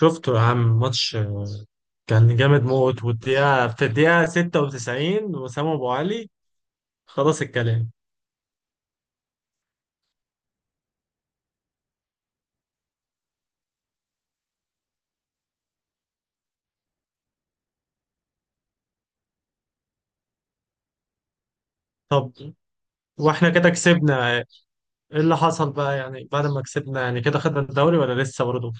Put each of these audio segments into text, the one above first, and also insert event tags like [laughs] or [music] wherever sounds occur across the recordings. شفته يا عم ماتش كان جامد موت في الدقيقة 96 وسام أبو علي. خلاص الكلام. طب، واحنا كده كسبنا ايه؟ اللي حصل بقى يعني بعد ما كسبنا، يعني كده خدنا الدوري ولا لسه برضه؟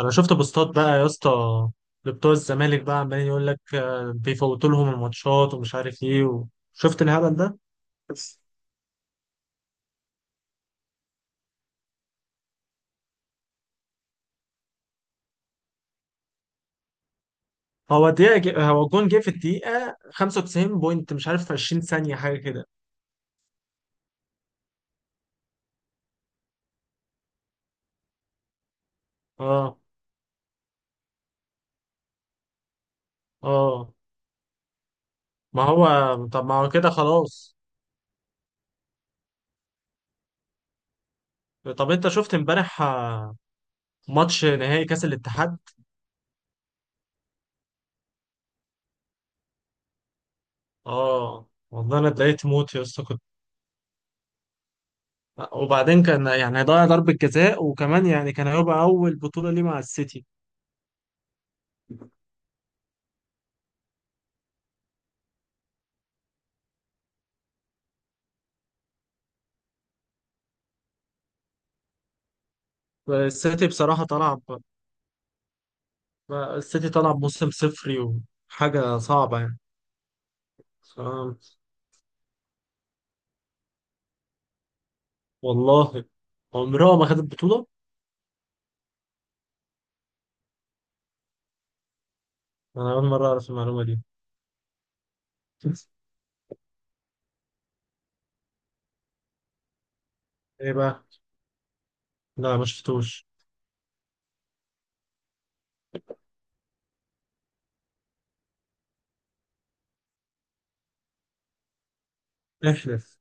أنا شفت بوستات بقى يا اسطى لبتوع الزمالك، بقى عمالين يقول لك بيفوتوا لهم الماتشات ومش عارف ايه. وشفت الهبل ده؟ بس. هو الجون جه في الدقيقة 95 بوينت مش عارف، في 20 ثانية حاجة كده. اه اه ما هو، طب ما هو كده خلاص. طب انت شفت امبارح ماتش نهائي كاس الاتحاد؟ اه والله انا اتضايقت موت يا اسطى كنت، وبعدين كان يعني هيضيع ضربة جزاء، وكمان يعني كان هيبقى اول بطولة ليه مع السيتي. السيتي بصراحة طلع السيتي طلع بموسم صفري. وحاجة صعبة يعني. ف- والله عمره ما خد البطولة. انا اول مرة اعرف المعلومة دي. [laughs] ايه بقى؟ لا، ما شفتوش. احلف.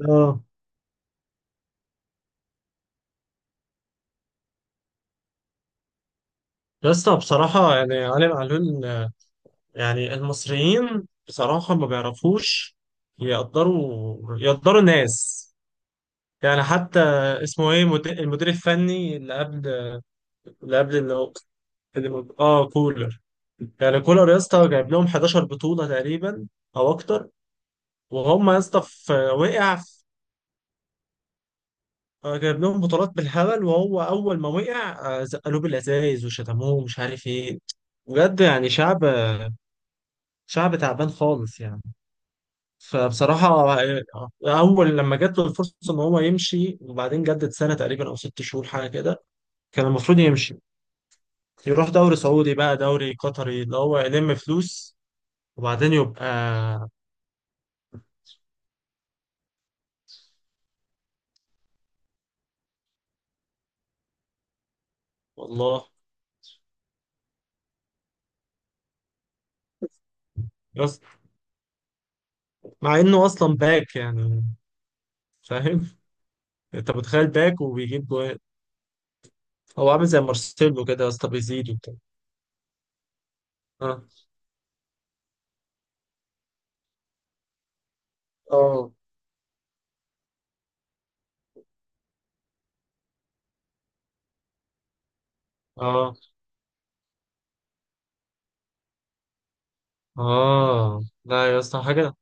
اه يا اسطى بصراحة يعني علي معلول، يعني المصريين بصراحة ما بيعرفوش يقدروا، يقدروا الناس. يعني حتى اسمه ايه المدير الفني اللي قبل، اللي هو اه، كولر. يعني كولر يا اسطى جايب لهم 11 بطولة تقريبا او اكتر. وهم يا اسطى جايب لهم بطولات بالهبل. وهو اول ما وقع زقلوه بالازايز وشتموه ومش عارف ايه. بجد يعني شعب، شعب تعبان خالص يعني. فبصراحة أول لما جات له الفرصة إن هو يمشي، وبعدين جدد سنة تقريبا أو 6 شهور حاجة كده. كان المفروض يمشي، يروح دوري سعودي بقى، دوري قطري، اللي هو يلم فلوس وبعدين يبقى. والله بس، مع إنه أصلا باك يعني، فاهم. [laughs] أنت متخيل باك وبيجيب جوان؟ هو عامل زي مارسيلو كده يا اسطى، بيزيد وبتاع. آه آه آه لا يا اسطى، حاجة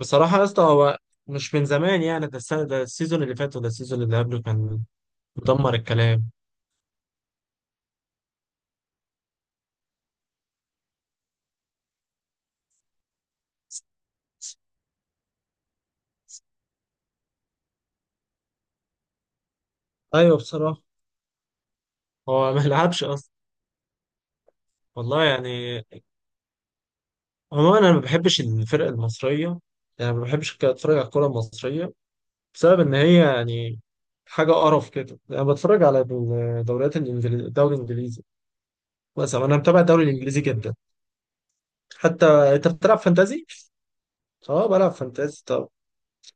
بصراحة يا اسطى. هو مش من زمان يعني، ده السنة، ده السيزون اللي فات، وده السيزون اللي قبله كان مدمر الكلام. أيوه بصراحة، هو [laughs] ما لعبش أصلا. والله يعني، عموما أنا ما بحبش الفرق المصرية، يعني ما بحبش كده أتفرج على الكورة المصرية بسبب إن هي يعني حاجة قرف كده. أنا بتفرج على الدوري الإنجليزي مثلا. أنا متابع الدوري الإنجليزي جدا حتى. أنت بتلعب فانتازي؟ أه، بلعب فانتازي. طب،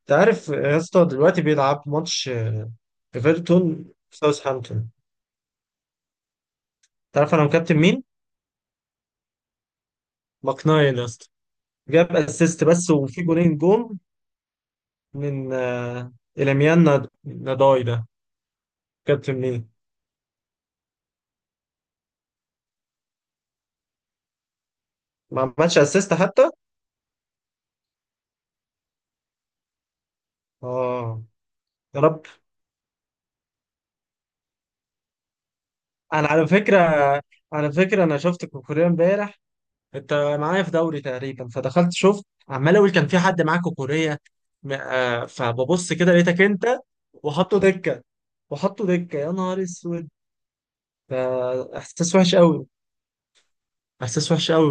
أنت عارف يا اسطى دلوقتي بيلعب ماتش إيفرتون ساوثهامبتون؟ تعرف انا مكابتن مين؟ مقنعي يا اسطى، جاب اسيست بس وفي جولين جون من إليميان نداي ده. كابتن مين؟ ما عملش اسيست حتى؟ اه يا رب. انا على فكره، انا شفت كوكوريا امبارح. انت معايا في دوري تقريبا، فدخلت شفت، عمال اقول كان في حد معاه كوكوريا فببص كده لقيتك انت. وحطه دكه، وحطه دكه يا نهار اسود. ده احساس وحش قوي، احساس وحش قوي.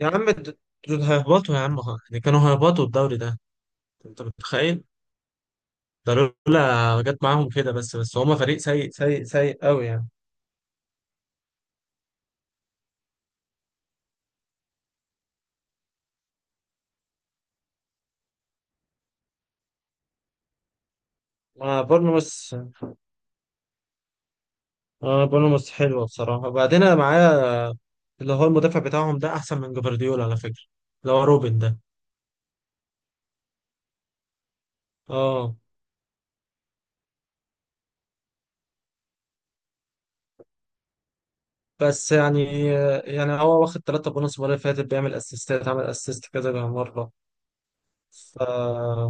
يا عم دول هيهبطوا يا عم، يعني كانوا هيهبطوا الدوري ده. انت متخيل؟ ده لولا جت معاهم كده، بس هما فريق سيء سيء سيء قوي يعني. ما بورنموث، آه بورنموث حلوه بصراحه. وبعدين انا معايا اللي هو المدافع بتاعهم، ده احسن من جفارديول على فكره، اللي هو روبن ده. اه بس يعني، هو واخد ثلاثة بونص المره اللي فاتت، بيعمل اسيستات، عمل اسيست كذا مره. ف،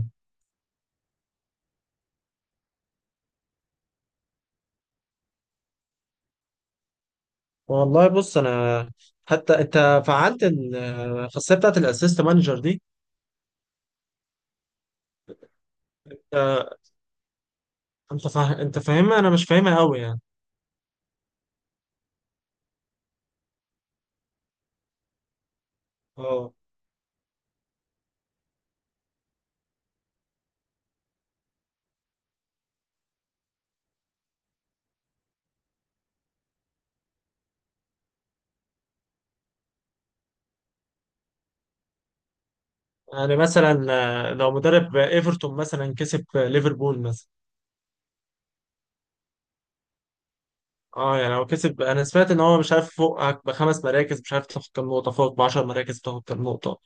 والله بص انا، حتى انت فعلت الخاصيه بتاعت الاسيست مانجر دي. آه، انت فاهمها، انا مش فاهمها قوي يعني. اه يعني مثلا لو مدرب ايفرتون مثلا كسب ليفربول مثلا. اه يعني لو كسب، انا سمعت ان هو مش عارف فوقك بخمس مراكز مش عارف تاخد كام نقطه، فوق ب 10 مراكز بتاخد كام نقطه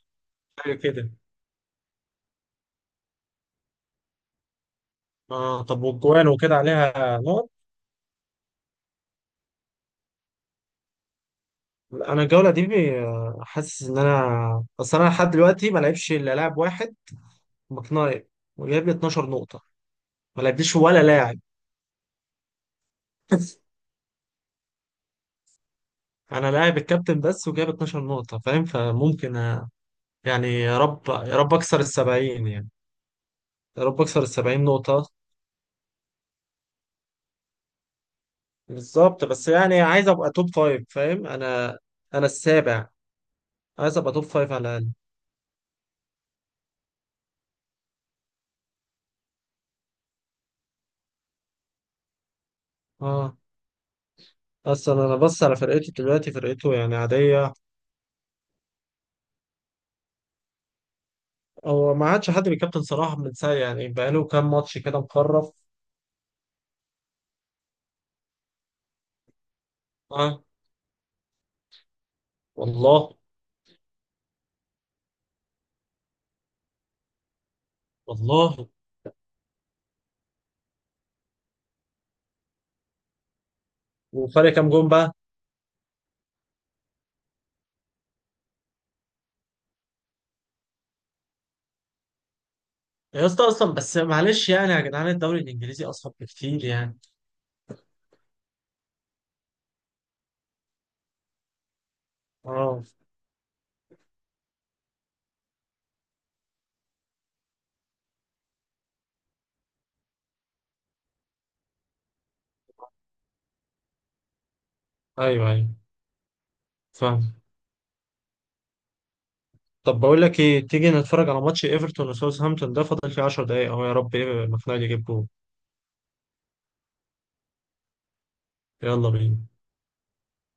حاجه كده. اه طب، والجوان وكده عليها نقط. لا، انا الجوله دي حاسس ان انا، بس انا لحد دلوقتي ما لعبش الا لاعب واحد، مكناير، وجايب لي 12 نقطه. ما لعبليش ولا لاعب. [laughs] انا لاعب الكابتن بس وجايب 12 نقطة، فاهم، فممكن يعني يا رب، يا رب اكسر السبعين يعني. يا رب اكسر السبعين نقطة بالظبط. بس يعني عايز ابقى توب فايف فاهم. انا السابع، عايز ابقى توب فايف على الاقل. اه اصلا انا بص على فرقته دلوقتي، فرقته يعني عادية. هو ما عادش حد بيكابتن صراحة من ساعة، يعني بقاله كام ماتش كده مخرف. اه والله، والله وفرق كام جون بقى؟ يا اسطى اصلا بس معلش يعني يا جدعان الدوري الانجليزي اصعب بكتير يعني. اه ايوه، ايوه فاهم. طب، بقول لك ايه، تيجي نتفرج على ماتش ايفرتون وساوثهامبتون ده، فاضل فيه 10 دقايق اهو، يا رب ايه المقنعه يجيب جول. يلا بينا.